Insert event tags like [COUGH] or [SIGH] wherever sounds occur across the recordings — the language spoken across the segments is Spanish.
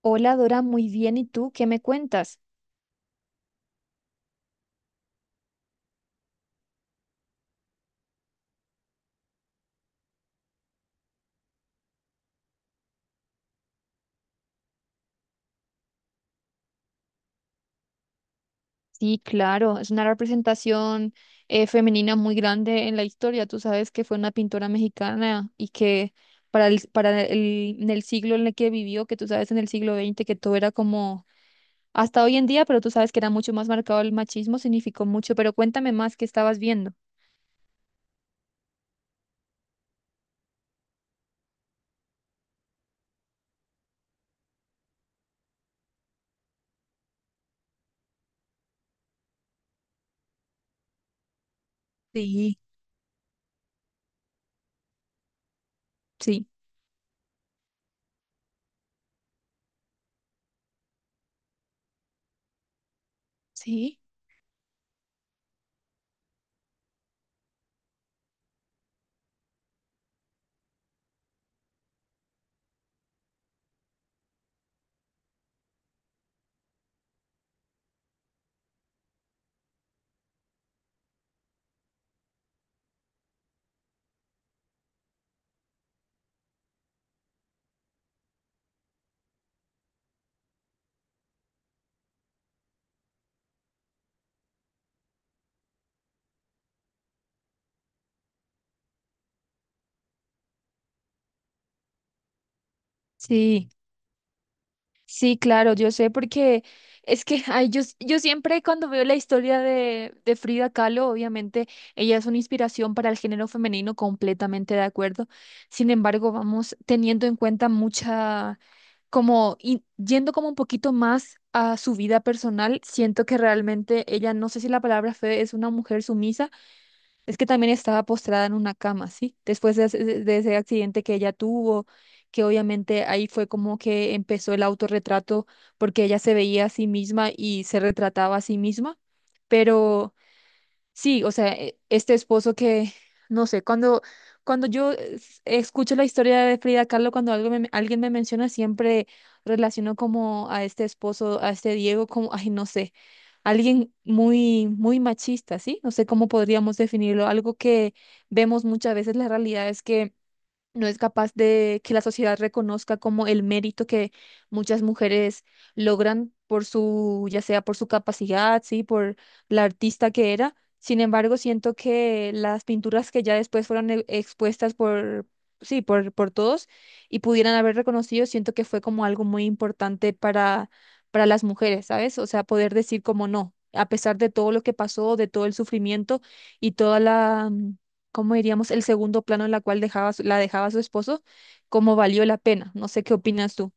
Hola Dora, muy bien. ¿Y tú qué me cuentas? Sí, claro, es una representación femenina muy grande en la historia. Tú sabes que fue una pintora mexicana y que en el siglo en el que vivió, que tú sabes en el siglo XX que todo era como hasta hoy en día, pero tú sabes que era mucho más marcado el machismo, significó mucho. Pero cuéntame más, ¿qué estabas viendo? Sí, sí. Sí, sí. Sí, claro, yo sé porque es que [LAUGHS] ay, yo siempre cuando veo la historia de Frida Kahlo, obviamente ella es una inspiración para el género femenino, completamente de acuerdo. Sin embargo, vamos teniendo en cuenta mucha, como yendo como un poquito más a su vida personal, siento que realmente ella, no sé si la palabra fe es una mujer sumisa, es que también estaba postrada en una cama, ¿sí? Después de, ese De ese accidente que ella tuvo, que obviamente ahí fue como que empezó el autorretrato, porque ella se veía a sí misma y se retrataba a sí misma, pero sí, o sea, este esposo que, no sé, cuando yo escucho la historia de Frida Kahlo, cuando algo alguien me menciona, siempre relaciono como a este esposo, a este Diego, como, ay, no sé, alguien muy, muy machista, ¿sí? No sé cómo podríamos definirlo, algo que vemos muchas veces, la realidad es que no es capaz de que la sociedad reconozca como el mérito que muchas mujeres logran por su, ya sea por su capacidad, sí, por la artista que era. Sin embargo, siento que las pinturas que ya después fueron expuestas por, sí, por todos y pudieran haber reconocido, siento que fue como algo muy importante para las mujeres, ¿sabes? O sea, poder decir como no, a pesar de todo lo que pasó, de todo el sufrimiento y toda la ¿cómo diríamos? El segundo plano en la cual dejaba, la dejaba su esposo, ¿cómo valió la pena? No sé qué opinas tú.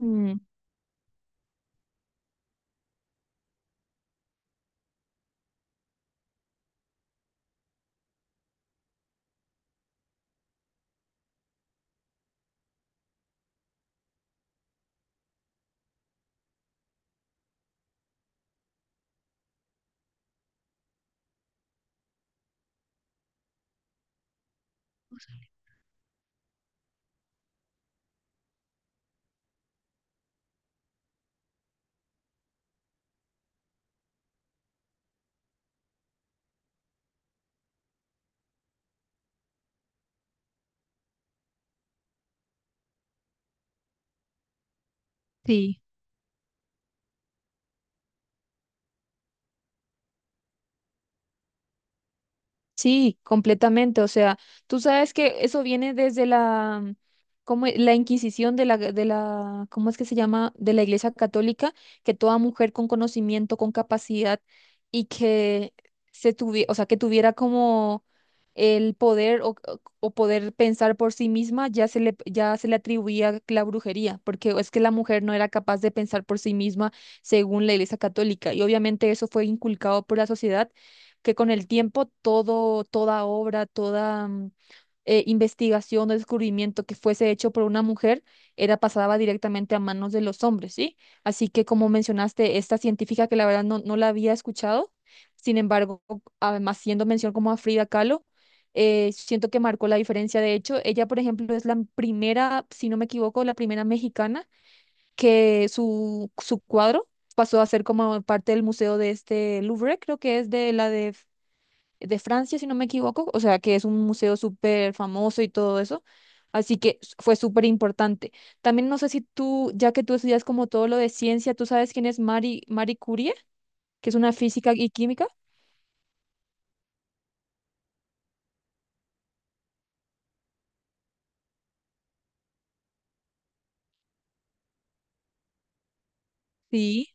Mm, sí. Sí, completamente. O sea, tú sabes que eso viene desde la, como la Inquisición de de la, ¿cómo es que se llama? De la Iglesia Católica, que toda mujer con conocimiento, con capacidad y que se tuviera, o sea, que tuviera como el poder o poder pensar por sí misma, ya se le atribuía la brujería, porque es que la mujer no era capaz de pensar por sí misma según la Iglesia Católica. Y obviamente eso fue inculcado por la sociedad que con el tiempo toda obra, toda investigación o descubrimiento que fuese hecho por una mujer era pasaba directamente a manos de los hombres, ¿sí? Así que como mencionaste, esta científica que la verdad no la había escuchado, sin embargo, además haciendo mención como a Frida Kahlo, siento que marcó la diferencia. De hecho, ella, por ejemplo, es la primera, si no me equivoco, la primera mexicana que su cuadro pasó a ser como parte del museo de este Louvre, creo que es de la de Francia, si no me equivoco, o sea, que es un museo súper famoso y todo eso. Así que fue súper importante. También no sé si tú, ya que tú estudias como todo lo de ciencia, ¿tú sabes quién es Marie Curie, que es una física y química? Sí,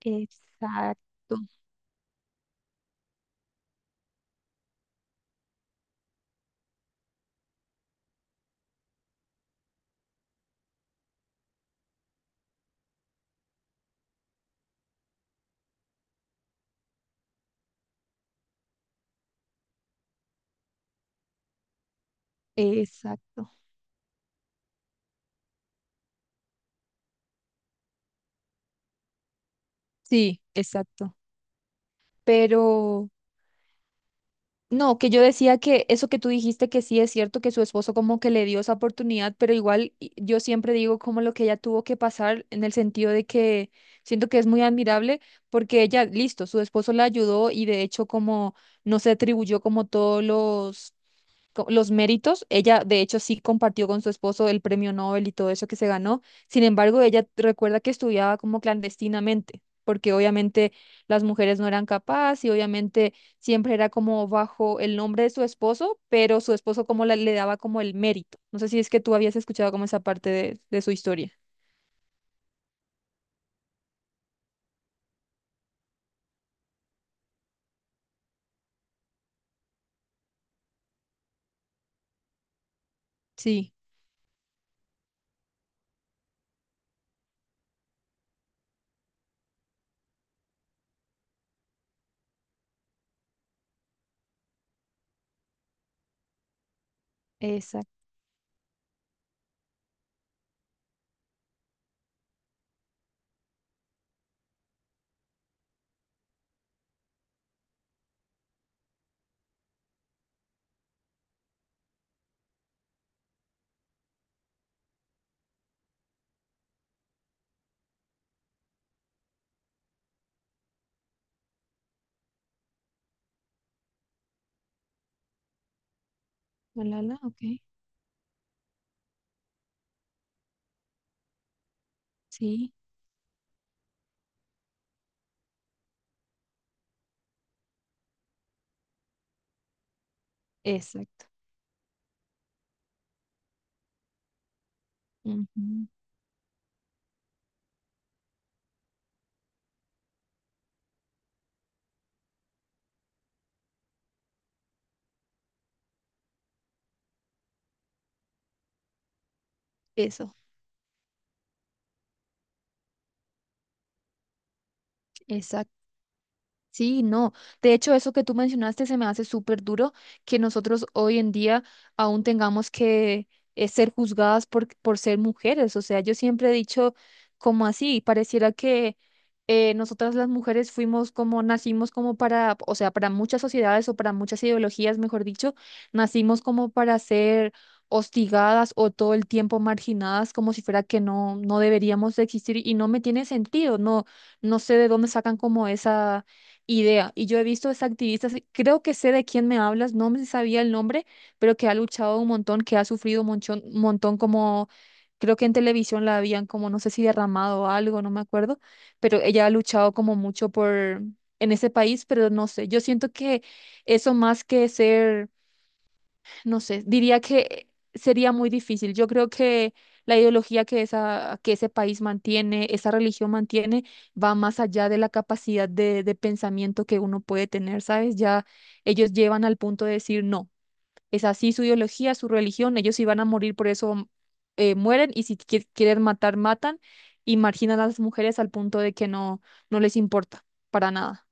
exacto, exacto. Sí, exacto. Pero no, que yo decía que eso que tú dijiste que sí es cierto, que su esposo como que le dio esa oportunidad, pero igual yo siempre digo como lo que ella tuvo que pasar en el sentido de que siento que es muy admirable porque ella, listo, su esposo la ayudó y de hecho como no se atribuyó como todos los los méritos. Ella, de hecho, sí compartió con su esposo el premio Nobel y todo eso que se ganó. Sin embargo, ella recuerda que estudiaba como clandestinamente, porque obviamente las mujeres no eran capaces y obviamente siempre era como bajo el nombre de su esposo, pero su esposo como le daba como el mérito. No sé si es que tú habías escuchado como esa parte de su historia. Sí, exacto. Malala, ok. Sí, exacto. Ujú. Eso. Exacto. Sí, no. De hecho, eso que tú mencionaste se me hace súper duro que nosotros hoy en día aún tengamos que ser juzgadas por ser mujeres. O sea, yo siempre he dicho como así, pareciera que nosotras las mujeres fuimos como, nacimos como para, o sea, para muchas sociedades o para muchas ideologías, mejor dicho, nacimos como para ser hostigadas o todo el tiempo marginadas como si fuera que no, no deberíamos de existir y no me tiene sentido, no, no sé de dónde sacan como esa idea. Y yo he visto a esta activista, sí, creo que sé de quién me hablas, no me sabía el nombre, pero que ha luchado un montón, que ha sufrido un un montón como, creo que en televisión la habían como, no sé si derramado algo, no me acuerdo, pero ella ha luchado como mucho por, en ese país, pero no sé, yo siento que eso más que ser no sé, diría que sería muy difícil. Yo creo que la ideología que ese país mantiene, esa religión mantiene, va más allá de la capacidad de pensamiento que uno puede tener, ¿sabes? Ya ellos llevan al punto de decir, no, es así su ideología, su religión, ellos si van a morir, por eso mueren y si quieren matar, matan y marginan a las mujeres al punto de que no, no les importa para nada.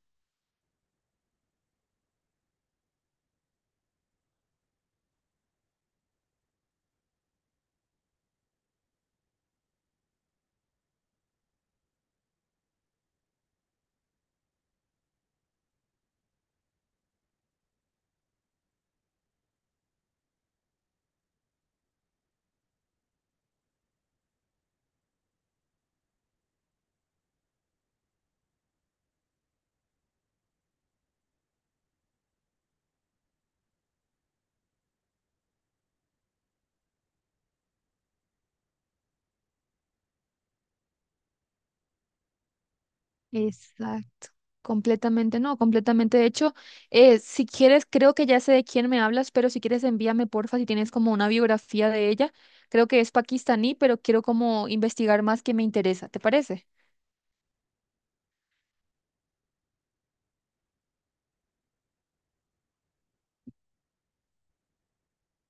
Exacto, completamente, no, completamente. De hecho, si quieres, creo que ya sé de quién me hablas, pero si quieres envíame, porfa, si tienes como una biografía de ella. Creo que es pakistaní, pero quiero como investigar más que me interesa. ¿Te parece?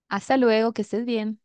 Hasta luego, que estés bien.